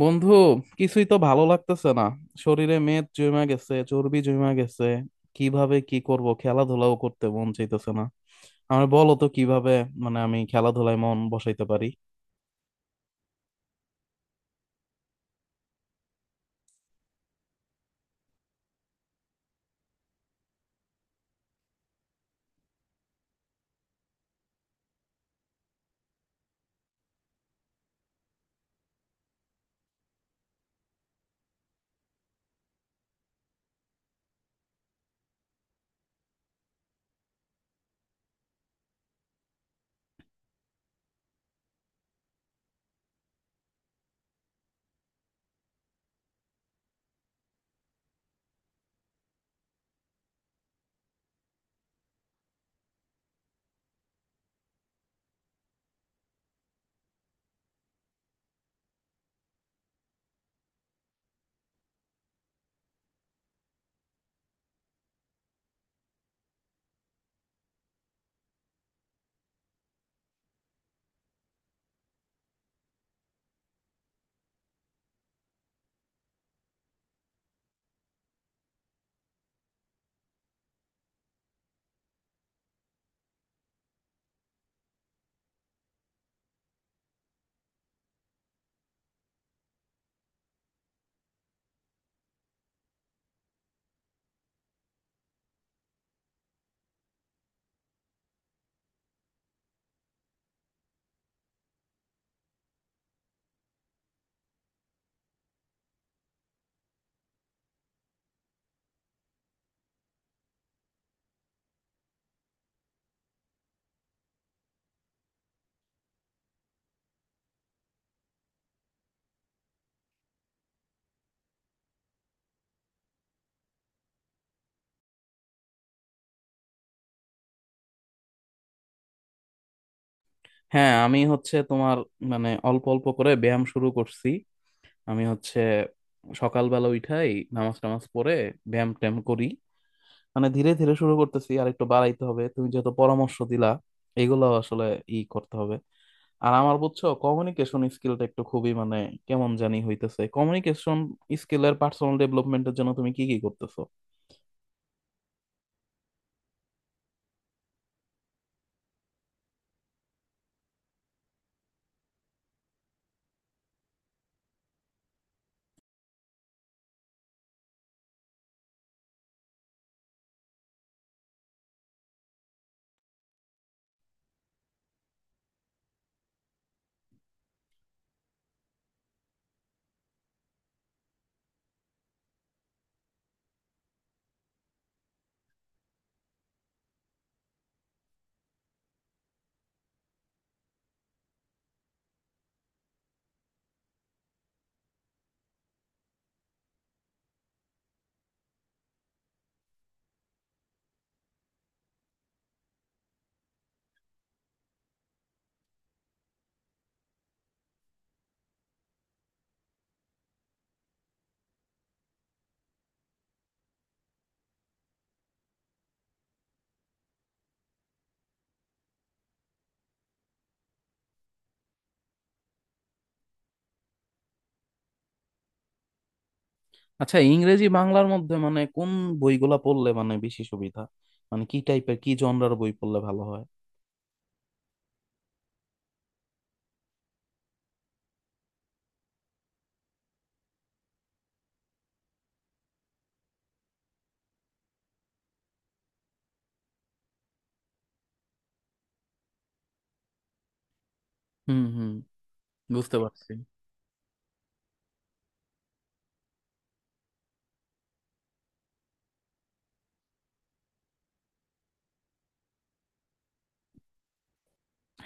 বন্ধু, কিছুই তো ভালো লাগতেছে না। শরীরে মেদ জমা গেছে, চর্বি জমা গেছে। কিভাবে কি করব, খেলাধুলাও করতে মন চাইতেছে না। আমার বলো তো কিভাবে মানে আমি খেলাধুলায় মন বসাইতে পারি। হ্যাঁ, আমি হচ্ছে তোমার মানে অল্প অল্প করে ব্যায়াম শুরু করছি। আমি হচ্ছে সকালবেলা উঠাই, নামাজ টামাজ পড়ে ব্যায়াম ট্যায়াম করি। মানে ধীরে ধীরে শুরু করতেছি, আর একটু বাড়াইতে হবে তুমি যেহেতু পরামর্শ দিলা। এগুলো আসলে ই করতে হবে। আর আমার বুঝছো কমিউনিকেশন স্কিলটা একটু খুবই মানে কেমন জানি হইতেছে। কমিউনিকেশন স্কিলের পার্সোনাল ডেভেলপমেন্টের জন্য তুমি কি কি করতেছো? আচ্ছা, ইংরেজি বাংলার মধ্যে মানে কোন বইগুলা পড়লে মানে বেশি সুবিধা? মানে কি টাইপের কি জনরার বই পড়লে ভালো হয়? হুম, হুম, বুঝতে পারছি।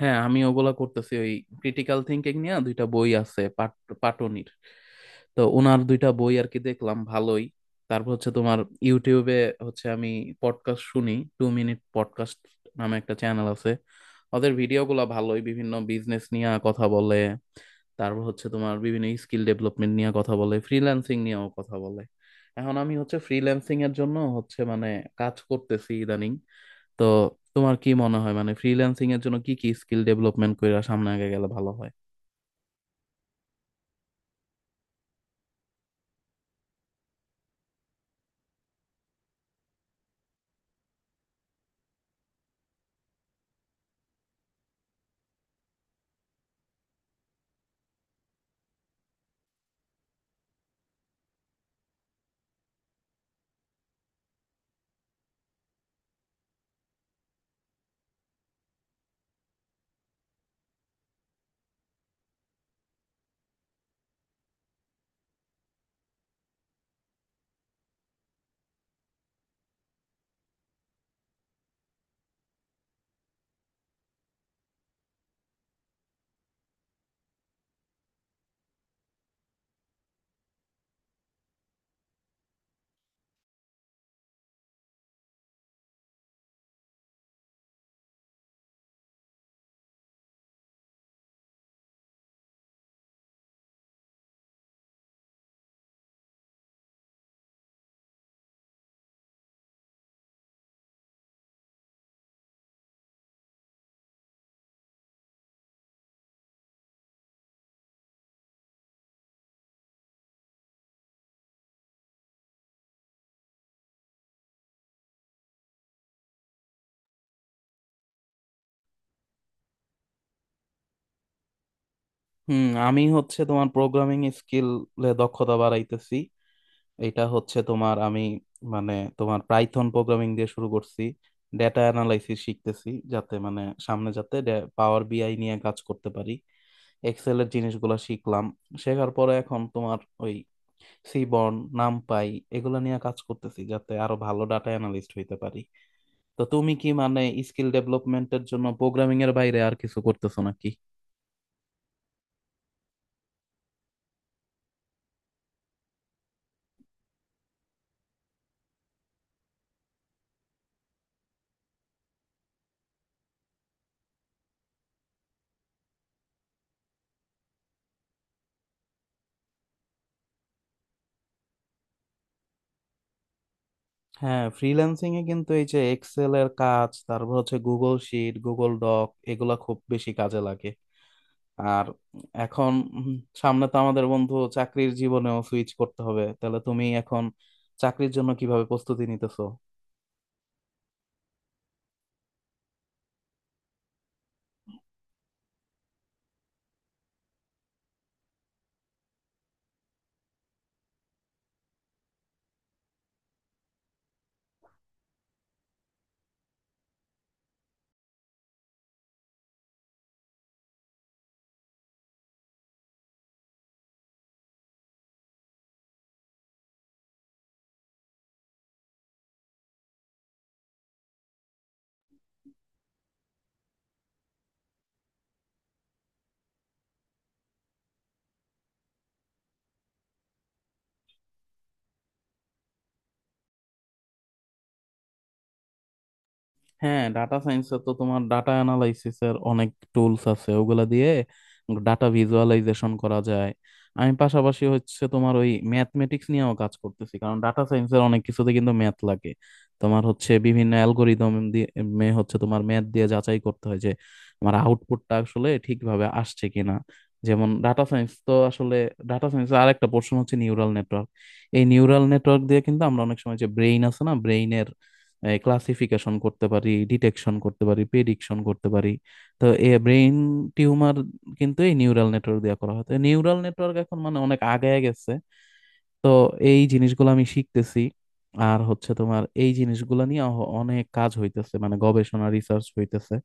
হ্যাঁ, আমি ওগুলা করতেছি। ওই ক্রিটিক্যাল থিঙ্কিং নিয়ে দুইটা বই আছে পাটনির। তো ওনার দুইটা বই আর কি দেখলাম, ভালোই। তারপর হচ্ছে তোমার ইউটিউবে হচ্ছে আমি পডকাস্ট শুনি। টু মিনিট পডকাস্ট নামে একটা চ্যানেল আছে। ওদের ভিডিওগুলো ভালোই, বিভিন্ন বিজনেস নিয়ে কথা বলে। তারপর হচ্ছে তোমার বিভিন্ন স্কিল ডেভেলপমেন্ট নিয়ে কথা বলে, ফ্রিল্যান্সিং নিয়েও কথা বলে। এখন আমি হচ্ছে ফ্রিল্যান্সিং এর জন্য হচ্ছে মানে কাজ করতেছি ইদানিং। তো তোমার কি মনে হয়, মানে ফ্রিল্যান্সিং এর জন্য কি কি স্কিল ডেভেলপমেন্ট কইরা সামনে আগে গেলে ভালো হয়? হুম, আমি হচ্ছে তোমার প্রোগ্রামিং স্কিলে দক্ষতা বাড়াইতেছি। এটা হচ্ছে তোমার আমি মানে তোমার পাইথন প্রোগ্রামিং দিয়ে শুরু করছি। ডেটা অ্যানালাইসিস শিখতেছি যাতে মানে সামনে যাতে পাওয়ার বিআই নিয়ে কাজ করতে পারি। এক্সেল এর জিনিসগুলো শিখলাম, শেখার পরে এখন তোমার ওই সিবর্ন, নামপাই এগুলো নিয়ে কাজ করতেছি যাতে আরো ভালো ডাটা অ্যানালিস্ট হইতে পারি। তো তুমি কি মানে স্কিল ডেভেলপমেন্টের জন্য প্রোগ্রামিং এর বাইরে আর কিছু করতেছো নাকি? হ্যাঁ, ফ্রিল্যান্সিং এ কিন্তু এই যে এক্সেল এর কাজ, তারপর হচ্ছে গুগল শিট, গুগল ডক, এগুলা খুব বেশি কাজে লাগে। আর এখন উম, সামনে তো আমাদের বন্ধু চাকরির জীবনেও সুইচ করতে হবে। তাহলে তুমি এখন চাকরির জন্য কিভাবে প্রস্তুতি নিতেছো? হ্যাঁ, ডাটা সায়েন্সে তো তোমার ডাটা অ্যানালাইসিস এর অনেক টুলস আছে, ওগুলা দিয়ে ডাটা ভিজুয়ালাইজেশন করা যায়। আমি পাশাপাশি হচ্ছে তোমার ওই ম্যাথমেটিক্স নিয়েও কাজ করতেছি, কারণ ডাটা সায়েন্সের অনেক কিছুতে কিন্তু ম্যাথ লাগে। তোমার হচ্ছে বিভিন্ন অ্যালগোরিদম দিয়ে মে হচ্ছে তোমার ম্যাথ দিয়ে যাচাই করতে হয় যে আমার আউটপুটটা আসলে ঠিকভাবে আসছে কিনা। যেমন ডাটা সায়েন্স তো আসলে ডাটা সায়েন্সের আরেকটা পোর্শন হচ্ছে নিউরাল নেটওয়ার্ক। এই নিউরাল নেটওয়ার্ক দিয়ে কিন্তু আমরা অনেক সময় যে ব্রেইন আছে না, ব্রেইনের ক্লাসিফিকেশন করতে পারি, ডিটেকশন করতে পারি, প্রেডিকশন করতে পারি। তো এ ব্রেইন টিউমার কিন্তু এই নিউরাল নেটওয়ার্ক দিয়ে করা হয়। তো নিউরাল নেটওয়ার্ক এখন মানে অনেক আগায় গেছে। তো এই জিনিসগুলো আমি শিখতেছি। আর হচ্ছে তোমার এই জিনিসগুলো নিয়ে অনেক কাজ হইতেছে, মানে গবেষণা রিসার্চ হইতেছে।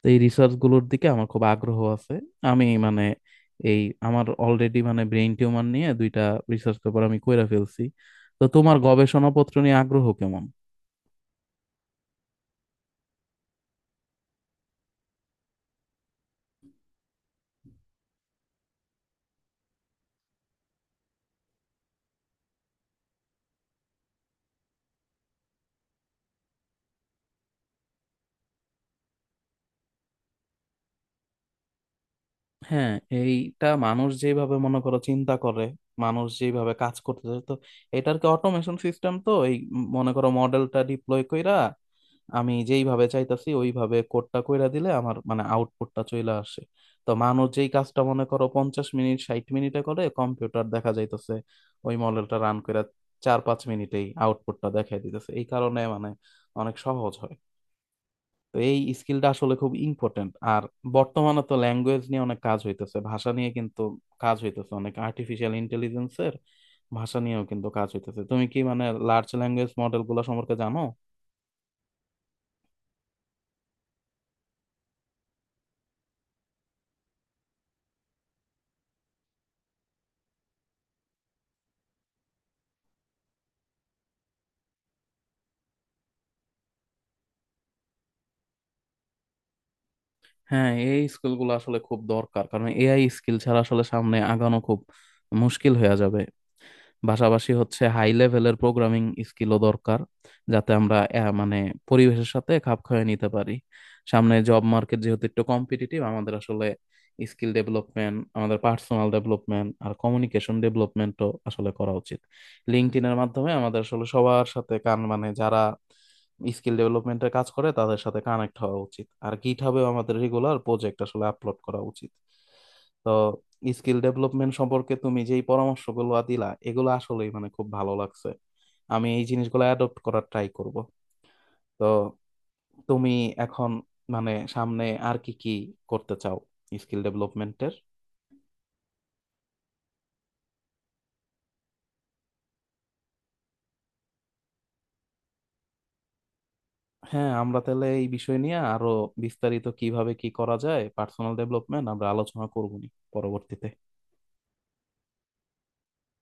তো এই রিসার্চ গুলোর দিকে আমার খুব আগ্রহ আছে। আমি মানে এই আমার অলরেডি মানে ব্রেইন টিউমার নিয়ে দুইটা রিসার্চ পেপার আমি কইরা ফেলছি। তো তোমার গবেষণাপত্র নিয়ে আগ্রহ কেমন? হ্যাঁ, এইটা মানুষ যেভাবে মনে করো চিন্তা করে, মানুষ যেভাবে কাজ করতেছে। তো এটার কি অটোমেশন সিস্টেম তো এই মনে করো মডেলটা ডিপ্লয় কইরা আমি যেইভাবে চাইতাছি ওইভাবে কোডটা কইরা দিলে আমার মানে আউটপুটটা চলে আসে। তো মানুষ যেই কাজটা মনে করো 50 মিনিট 60 মিনিটে করে, কম্পিউটার দেখা যাইতেছে ওই মডেলটা রান কইরা 4-5 মিনিটেই আউটপুটটা দেখাই দিতেছে। এই কারণে মানে অনেক সহজ হয়। তো এই স্কিলটা আসলে খুব ইম্পর্টেন্ট। আর বর্তমানে তো ল্যাঙ্গুয়েজ নিয়ে অনেক কাজ হইতেছে, ভাষা নিয়ে কিন্তু কাজ হইতেছে অনেক, আর্টিফিশিয়াল ইন্টেলিজেন্সের ভাষা নিয়েও কিন্তু কাজ হইতেছে। তুমি কি মানে লার্জ ল্যাঙ্গুয়েজ মডেল গুলো সম্পর্কে জানো? হ্যাঁ, এই স্কিল গুলো আসলে খুব দরকার, কারণ এআই স্কিল ছাড়া আসলে সামনে আগানো খুব মুশকিল হয়ে যাবে। পাশাপাশি হচ্ছে হাই লেভেলের প্রোগ্রামিং স্কিলও দরকার, যাতে আমরা মানে পরিবেশের সাথে খাপ খাইয়ে নিতে পারি। সামনে জব মার্কেট যেহেতু একটু কম্পিটিটিভ, আমাদের আসলে স্কিল ডেভেলপমেন্ট, আমাদের পার্সোনাল ডেভেলপমেন্ট আর কমিউনিকেশন ডেভেলপমেন্টও আসলে করা উচিত। লিঙ্কডইনের মাধ্যমে আমাদের আসলে সবার সাথে মানে যারা স্কিল ডেভেলপমেন্টের কাজ করে তাদের সাথে কানেক্ট হওয়া উচিত। আর গিটহাবেও আমাদের রেগুলার প্রজেক্ট আসলে আপলোড করা উচিত। তো স্কিল ডেভেলপমেন্ট সম্পর্কে তুমি যেই পরামর্শগুলো দিলা এগুলো আসলেই মানে খুব ভালো লাগছে। আমি এই জিনিসগুলো অ্যাডপ্ট করার ট্রাই করব। তো তুমি এখন মানে সামনে আর কি কি করতে চাও স্কিল ডেভেলপমেন্টের? হ্যাঁ, আমরা তাহলে এই বিষয় নিয়ে আরো বিস্তারিত কিভাবে কি করা যায় পার্সোনাল ডেভেলপমেন্ট আমরা আলোচনা করব নি পরবর্তীতে।